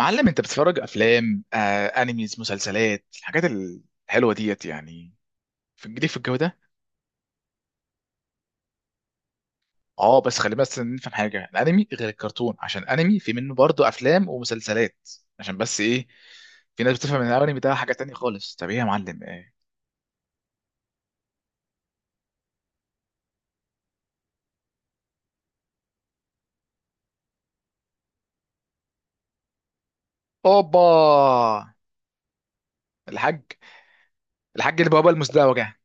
معلم، انت بتتفرج افلام، انيميز، مسلسلات، الحاجات الحلوه ديت يعني في الجديد في الجو ده. اه بس خلينا بس نفهم حاجه، الانمي غير الكرتون، عشان انمي في منه برضه افلام ومسلسلات، عشان بس ايه؟ في ناس بتفهم ان الانمي ده حاجه تانية خالص. طب ايه يا معلم ايه؟ اوبا. الحاج. الحاج اللي بابا المزدوجه.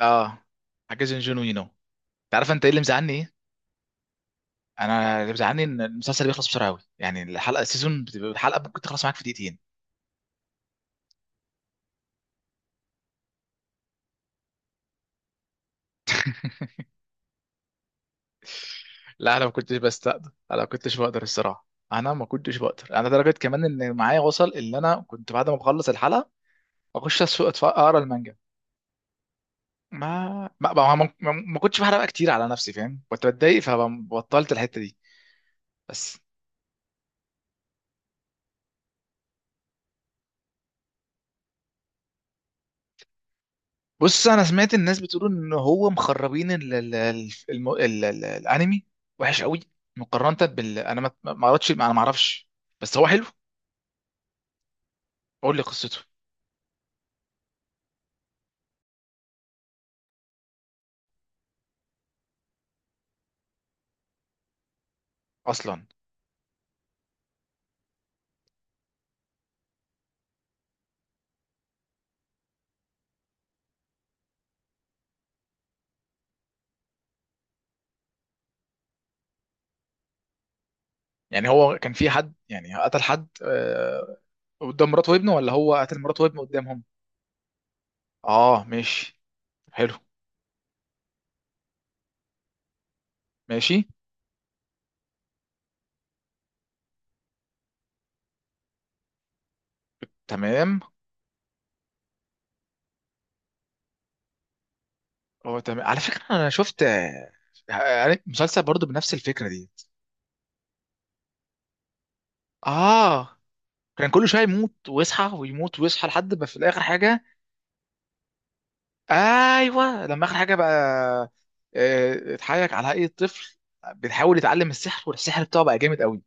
اه. حاج جنجونو ينو انت. عارف انت ايه اللي مزعلني؟ ايه؟ انا اللي مزعلني ان المسلسل بيخلص بسرعه قوي، يعني الحلقه السيزون بتبقى- الحلقه ممكن تخلص معاك في دقيقتين. لا انا ما كنتش بستقدر، انا ما كنتش بقدر الصراحه. انا ما كنتش بقدر، انا درجه كمان ان معايا وصل ان انا كنت بعد ما بخلص الحلقه اخش اسوق أتف- اقرا المانجا. ما كنتش بحرق بقى كتير على نفسي، فاهم؟ كنت بتضايق فبطلت الحته دي. بس بص، انا سمعت الناس بتقول ان هو مخربين ال ال ال الم- ال ال الانمي وحش قوي مقارنه بال، انا ما قريتش، انا ما اعرفش، بس هو حلو. قول لي قصته. اصلا يعني هو كان في حد يعني قتل حد، قدام مراته وابنه، ولا هو قتل مراته وابنه قدامهم؟ اه ماشي. حلو. ماشي. تمام. هو تمام على فكرة. انا شفت، مسلسل برضو بنفس الفكرة دي. اه كان كل شوية يموت ويصحى ويموت ويصحى لحد ما في الاخر حاجة. ايوه لما اخر حاجة بقى، اتحايك على هيئة طفل، بيحاول يتعلم السحر، والسحر بتاعه بقى جامد قوي.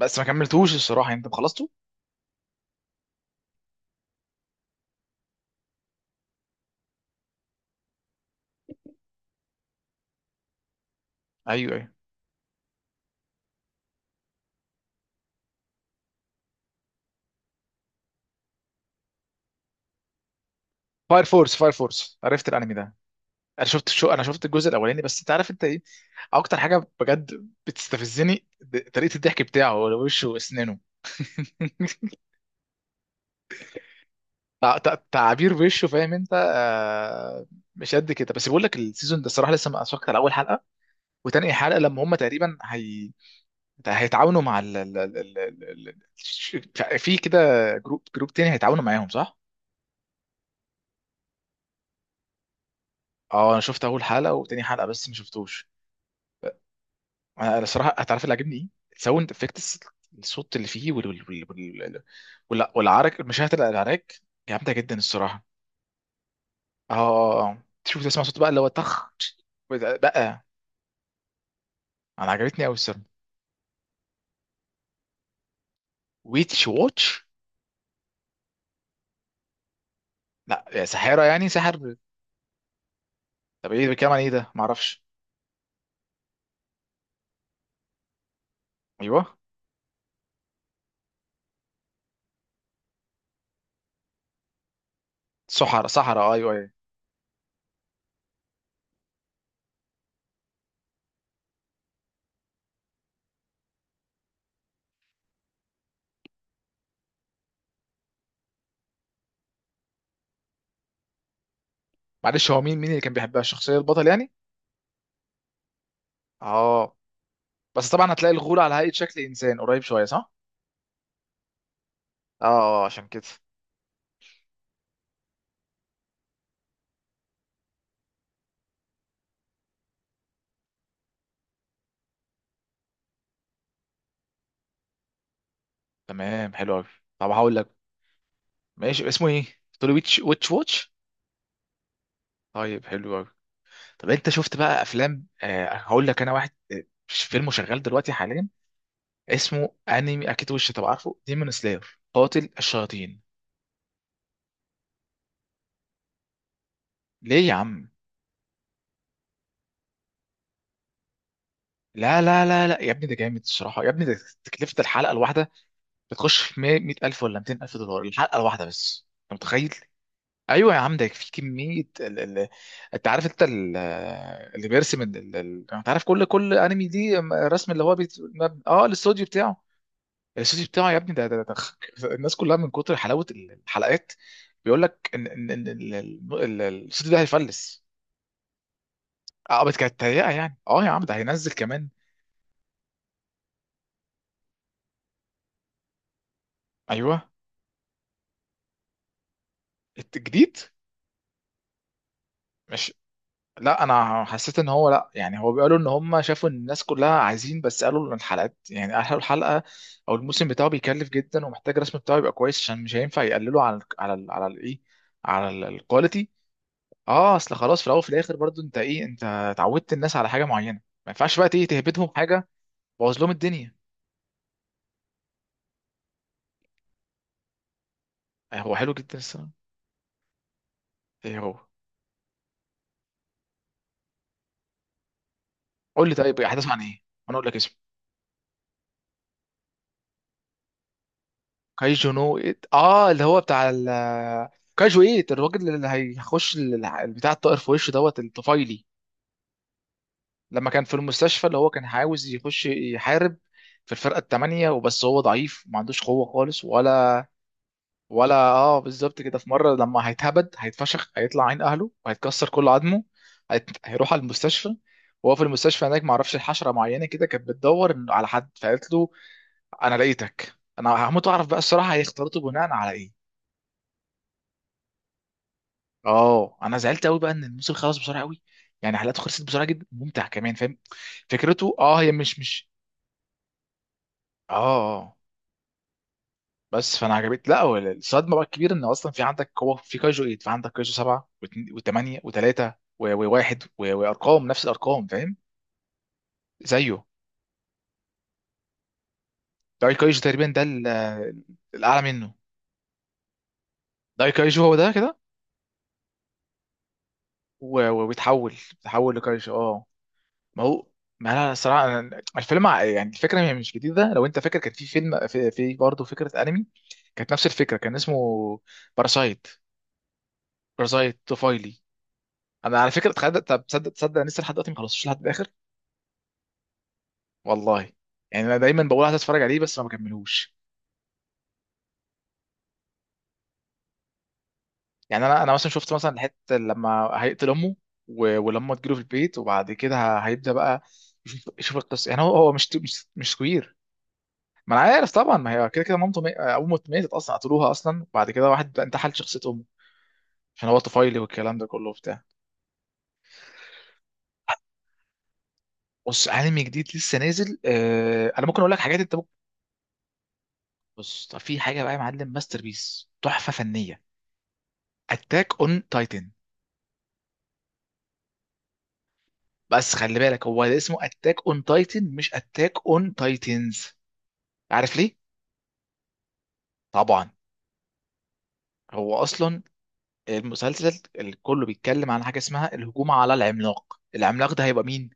بس ما كملتوش الصراحة، يعني انت خلصته؟ ايوه ايوه. فاير فورس. فاير فورس، عرفت الانمي ده. انا شفت شو، انا شفت الجزء الاولاني. بس انت عارف انت ايه؟ اكتر حاجه بجد بتستفزني د- طريقه الضحك بتاعه، وشه واسنانه. تعابير وشه، فاهم انت؟ آه. مش قد كده. بس بقول لك السيزون ده الصراحه لسه ما اتفرجت على اول حلقه وتاني حلقه، لما هم تقريبا هي... هيتعاونوا مع ال... ال... ال... ال... ال- ال- ش- في كده، جروب تاني هيتعاونوا معاهم، صح؟ اه انا شفت اول حلقه وتاني حلقه بس ما شفتوش. انا الصراحه هتعرف اللي عاجبني ايه؟ الساوند افكتس، الصوت اللي فيه وال وال وال وال وال- والعرك، المشاهد، العراك، جامده جدا الصراحه. اه تشوف، تسمع صوت بقى اللي هو طخ بقى. انا عجبتني قوي الصراحه. ويتش واتش. لا يا سحاره، يعني ساحر. طب ايه بيتكلم عن ايه ده؟ ما اعرفش. ايوه سحر سحرة ايوه ايوه. معلش، هو مين اللي كان بيحبها؟ الشخصيه البطل يعني. اه، بس طبعا هتلاقي الغول على هيئه شكل انسان قريب شويه، صح؟ اه، عشان كده. تمام حلو قوي. طب هقول لك، ماشي اسمه ايه؟ تقول لي ويتش واتش؟ طيب حلو قوي. طب انت شفت بقى افلام؟ آه، هقول لك انا واحد، فيلم شغال دلوقتي حاليا، اسمه انمي اكيد وش. طب عارفه ديمون سلاير، قاتل الشياطين؟ ليه يا عم؟ لا لا لا لا يا ابني ده جامد الصراحه يا ابني. ده تكلفه الحلقه الواحده بتخش في 100,000 ولا 200,000 دولار الحلقه الواحده، بس انت متخيل؟ ايوه يا عم ده في كميه ال... ال... انت عارف انت ال... اللي بيرسم ال... ال... ال- انت عارف كل انمي دي رسم، اللي هو بيت... اه الاستوديو بتاعه. الاستوديو بتاعه يا ابني، ده. الناس كلها من كتر حلاوه الحلقات بيقول لك ان ال- ال- ال- الاستوديو ده هيفلس. اه بس كانت تهيئه يعني. اه يا عم ده هينزل كمان. ايوه الجديد. مش... لا انا حسيت ان هو، لا، يعني هو بيقولوا ان هم شافوا ان الناس كلها عايزين، بس قالوا ان الحلقات يعني، قالوا الحلقه او الموسم بتاعه بيكلف جدا، ومحتاج الرسم بتاعه يبقى كويس، عشان مش هينفع يقللوا على ال على ال على الايه، على الكواليتي. اه اصل خلاص، في الاول وفي الاخر برضو، انت ايه، انت اتعودت الناس على حاجه معينه، ما ينفعش بقى ايه تهبدهم حاجه، تبوظ لهم الدنيا. هو حلو جدا الصراحه. ايه هو؟ قول لي طيب احداث عن ايه، انا اقول لك اسمه. كايجو نو إيت، اه اللي هو بتاع ال. كايجو ايت، الراجل اللي هيخش ال- بتاع الطائر في وشه، دوت الطفيلي، لما كان في المستشفى، اللي هو كان عاوز يخش يحارب في الفرقه الثمانيه، وبس هو ضعيف ما عندوش قوه خالص، ولا اه بالظبط كده. في مره لما هيتهبد هيتفشخ، هيطلع عين اهله وهيتكسر كل عظمه، هيت... هيروح على المستشفى. وهو في المستشفى هناك، ما اعرفش، حشره معينه كده كانت بتدور إن- على حد، فقالت له انا لقيتك. انا هموت اعرف بقى الصراحه هيختلطوا بناء على ايه. اه انا زعلت قوي بقى ان الموسم خلص بسرعه قوي، يعني حلقاته خلصت بسرعه جدا، ممتع كمان، فاهم؟ فكرته اه، هي مش. اه. آه. آه. بس فانا عجبت. لا، هو الصدمه بقى الكبيره، ان اصلا في عندك، هو في كايجو 8، في عندك كايجو 7 و8 و3 و1، وارقام نفس الارقام، فاهم؟ زيه. داي كايجو تقريبا ده ال- الاعلى منه. داي كايجو هو ده كده، و- وبيتحول لكايجو، اه. ما هو، ما انا صراحه أنا- الفيلم ع- يعني الفكره هي مش جديده، لو انت فاكر كان في فيلم، في برضه فكره انمي كانت نفس الفكره، كان اسمه باراسايت. باراسايت طفيلي. انا على فكره اتخيل. طب تصدق، تصدق أنا لسه لحد دلوقتي ما خلصتش لحد الاخر؟ والله. يعني انا دايما بقول عايز اتفرج عليه بس ما بكملوش. يعني انا مثلا شفت مثلا الحته لما هيقتل امه، و- ولما تجيله في البيت، وبعد كده ه- هيبدا بقى يشوف القصه، يعني هو مش سكوير. ما انا عارف طبعا، ما هي كده كده مامته، مي... امه ماتت اصلا، قتلوها اصلا، وبعد كده واحد بقى انتحل شخصيه امه، عشان هو طفيلي، والكلام ده كله وبتاع. بص انمي جديد لسه نازل، آه... انا ممكن اقول لك حاجات انت ممكن. بص طب في حاجه بقى يا معلم، ماستر بيس، تحفه فنيه، اتاك اون تايتن. بس خلي بالك هو ده اسمه اتاك اون تايتن، مش اتاك اون تايتنز، عارف ليه؟ طبعا. هو اصلا المسلسل اللي كله بيتكلم عن حاجه اسمها الهجوم على العملاق، العملاق ده هيبقى مين؟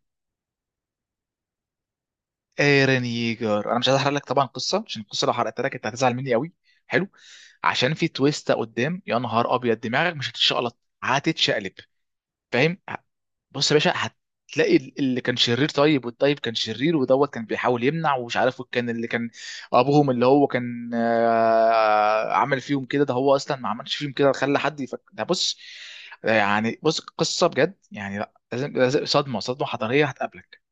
ايرن ييجر. انا مش عايز احرق لك طبعا قصه، عشان القصه لو حرقت لك انت هتزعل مني قوي. حلو. عشان في تويستا قدام، يا نهار ابيض، دماغك مش هتتشقلط، هتتشقلب، فاهم؟ ه- بص يا باشا، هتلاقي ال- اللي كان شرير طيب، والطيب كان شرير، ودوت كان بيحاول يمنع، ومش عارف كان اللي كان ابوهم، اللي هو كان، عمل فيهم كده، ده هو اصلا ما عملش فيهم كده، خلى حد يفكر ده. بص، يعني بص، قصة بجد، يعني لا لازم لازم- صدمة صدمة حضارية هتقابلك.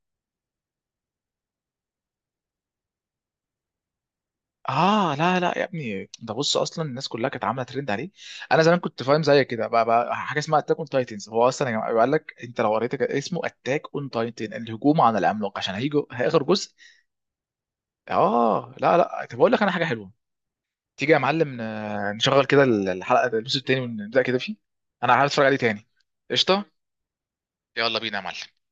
اه لا لا يا ابني، ده بص اصلا الناس كلها كانت عامله ترند عليه. انا زمان كنت فاهم زي كده بقى حاجه اسمها اتاك اون تايتنز، هو اصلا يا جماعه قال لك، انت لو قريت كده اسمه اتاك اون تايتن، الهجوم على العملاق، عشان هيجوا هياخر جزء. اه لا لا، طب اقول لك انا حاجه حلوه. تيجي يا معلم ن- نشغل كده الحلقه الجزء التاني ونبدا كده فيه، انا عايز اتفرج عليه تاني. قشطه. يلا بينا يا معلم.